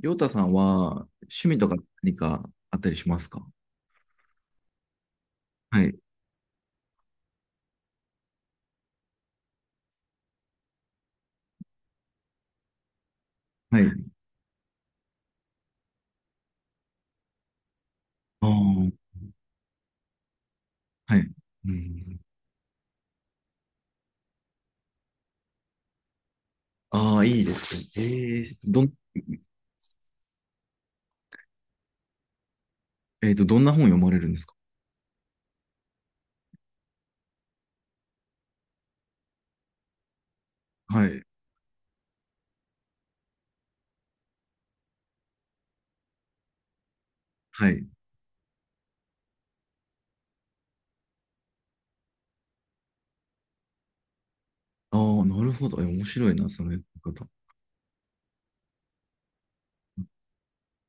りょうたさんは趣味とか何かあったりしますか？はい。はい。あー、はい。うん。ああ、いいですね。えー、どん、えっと、どんな本読まれるんですか？はい。はい。ああ、なるほど。え、面白いな、そのやり方。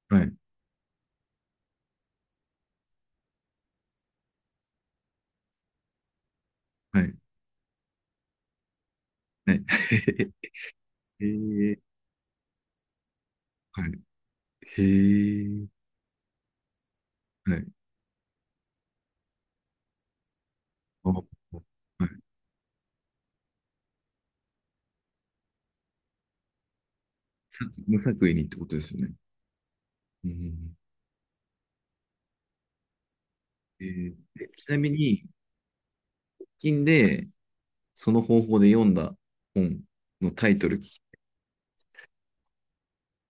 はい。はい。はい。へえ。はい。へえ。はい。あ、はい。無作為にってことですよね。うん。ちなみに、最近で、その方法で読んだ本のタイトル、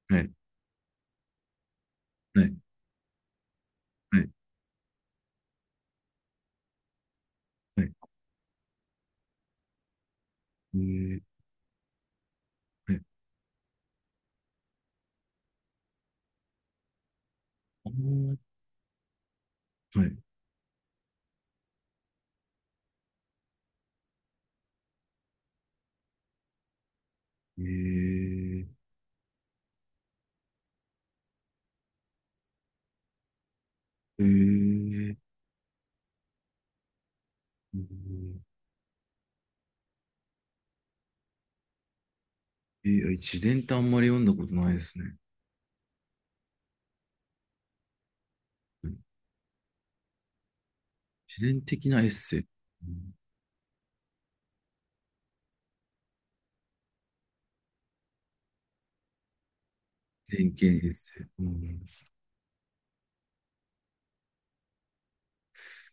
はい。はい。はい。はい。えー、はい。あー、はい。えー、えー、えー、えー、自伝ってあんまり読んだことないですね。うん。自伝的なエッセイ。うん。自伝系エッセイ。うん。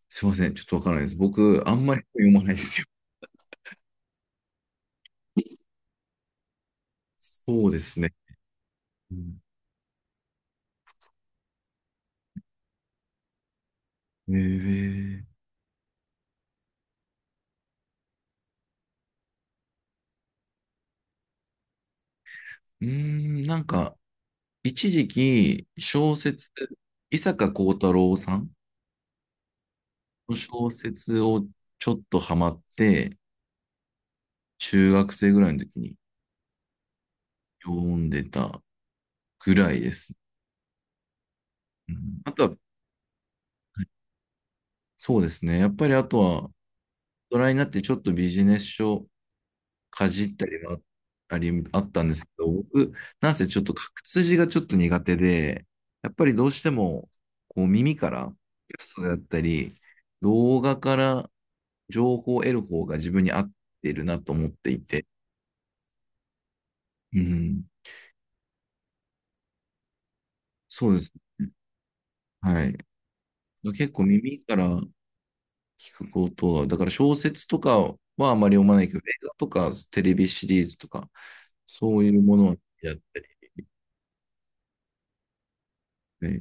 すいません、ちょっとわからないです。僕、あんまり読まないですよ。そうですね。うん。えー、うーん、なんか、一時期、小説、伊坂幸太郎さんの小説をちょっとハマって、中学生ぐらいの時に読んでたぐらいです。うん、あとは、そうですね。やっぱりあとは、大人になってちょっとビジネス書かじったりはあったんですけど、僕、なんせちょっと書く筋がちょっと苦手で、やっぱりどうしても、こう耳から、テストだったり、動画から情報を得る方が自分に合ってるなと思っていて、うん、そうですね。はい。結構耳から聞くことは、だから小説とかはまあまり読まないけど、映画とかテレビシリーズとか、そういうものはやったり、ね、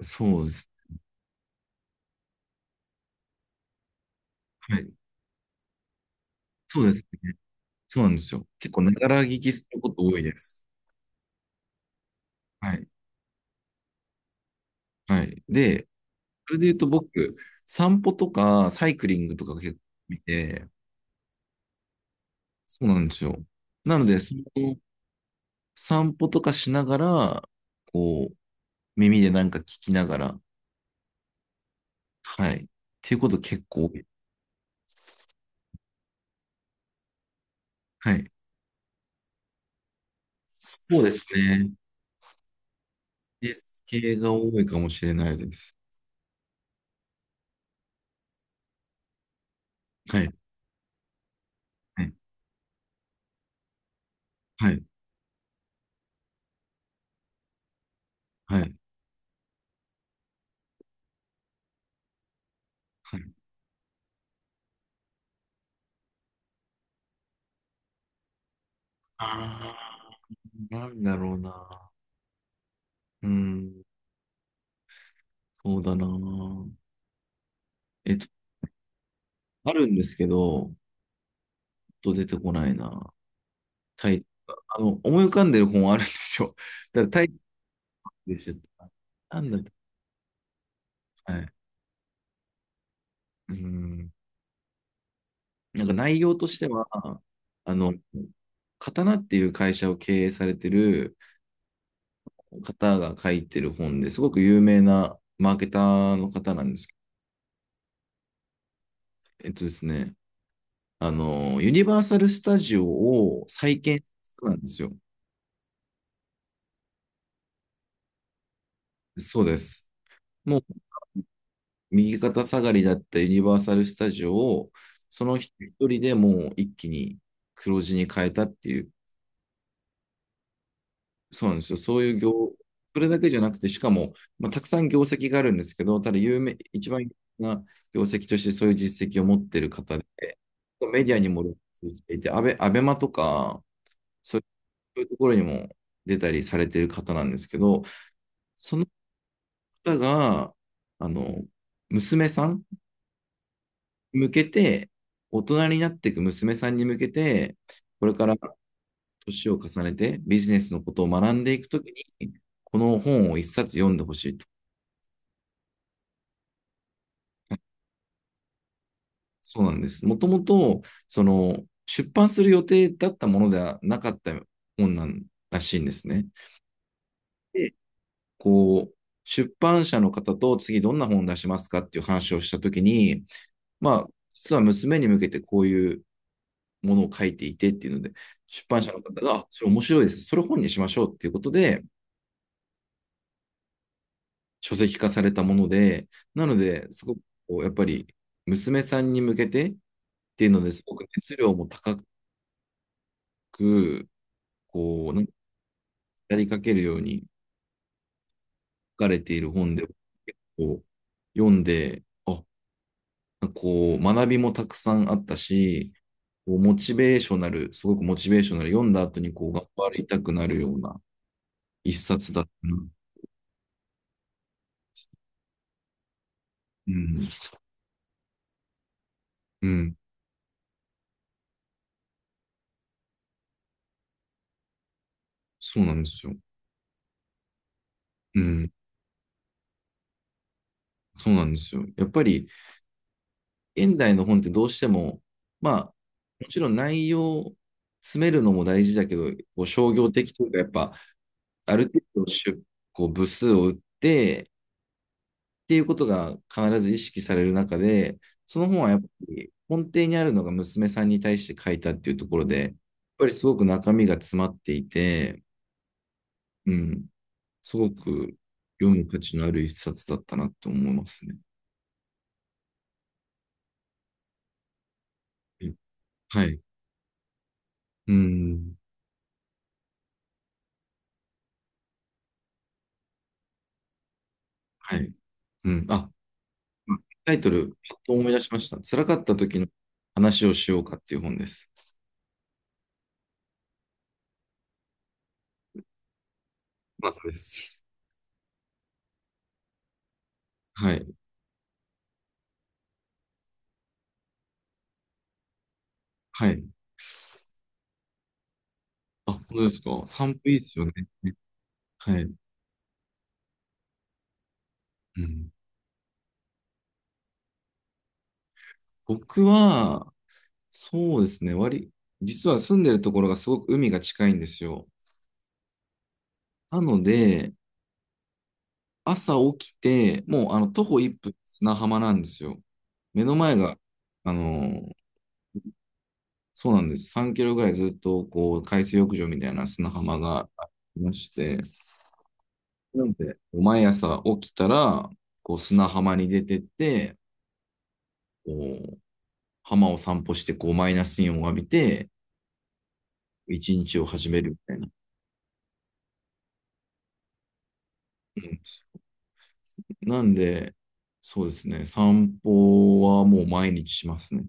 そうです。はい。そうですね。そうなんですよ。結構、ながら聞きすること多いです。はい。はい。で、それで言うと僕、散歩とかサイクリングとか結構見て、そうなんですよ。なので、その散歩とかしながら、こう、耳でなんか聞きながら、はい。っていうこと結構多い。はい。そうですね。ビジネス系が多いかもしれないです。はい。はい。はい。はい。はい。ああ、なんだろうな。うん。そうだな。えっと、あるんですけど、ちょっと出てこないな。タイ、あの、思い浮かんでる本あるんですよ。だからタイでしょ。なんだっけ、はい。うん。なんか内容としては、あの、刀っていう会社を経営されてる、方が書いてる本ですごく有名なマーケターの方なんですけど、えっとですね、あの、ユニバーサル・スタジオを再建なんですよ。そうです。もう右肩下がりだったユニバーサル・スタジオを、その人一人でもう一気に黒字に変えたっていう、そうなんですよ。そういう業、それだけじゃなくて、しかも、まあ、たくさん業績があるんですけど、ただ一番有名な業績としてそういう実績を持ってる方で、メディアにも露出していて、アベマとか、そういうところにも出たりされてる方なんですけど、その方が、あの、娘さんに向けて、大人になっていく娘さんに向けて、これから年を重ねてビジネスのことを学んでいくときに、この本を一冊読んでほしいと。そうなんです。もともと、その、出版する予定だったものではなかった本なんらしいんですね。で、こう、出版社の方と次どんな本出しますかっていう話をしたときに、まあ、実は娘に向けてこういうものを書いていてっていうので、出版社の方が、あ、それ面白いです。それ本にしましょうっていうことで、書籍化されたもので、なので、すごくこう、やっぱり、娘さんに向けてっていうのですごく熱量も高く、こう、なん、やりかけるように書かれている本で、結構読んで、あ、こう、学びもたくさんあったし、こうモチベーショナル、すごくモチベーショナル、読んだ後にこう頑張りたくなるような一冊だったな。うん、うん、そうなんですよ。うん、そうなんですよ。やっぱり、現代の本ってどうしても、まあ、もちろん内容、詰めるのも大事だけど、こう商業的というか、やっぱ、ある程度出こう部数を打って、っていうことが必ず意識される中で、その本はやっぱり根底にあるのが娘さんに対して書いたっていうところで、やっぱりすごく中身が詰まっていて、うん、すごく読む価値のある一冊だったなと思いますね。うん。はい。うん。はい。うん。あ、タイトル、パッと思い出しました。辛かった時の話をしようかっていう本です。そうです。はい。はい。あ、本当ですか。散歩いいですよね。はい。うん、僕は、そうですね。実は住んでるところがすごく海が近いんですよ。なので、朝起きて、もうあの徒歩一歩砂浜なんですよ。目の前が、あの、そうなんです。3キロぐらいずっとこう海水浴場みたいな砂浜がありまして、なので、毎朝起きたら、こう砂浜に出てって、こう浜を散歩して、こうマイナスイオンを浴びて、一日を始めるみたいな。うん、なんで、そうですね、散歩はもう毎日しますね。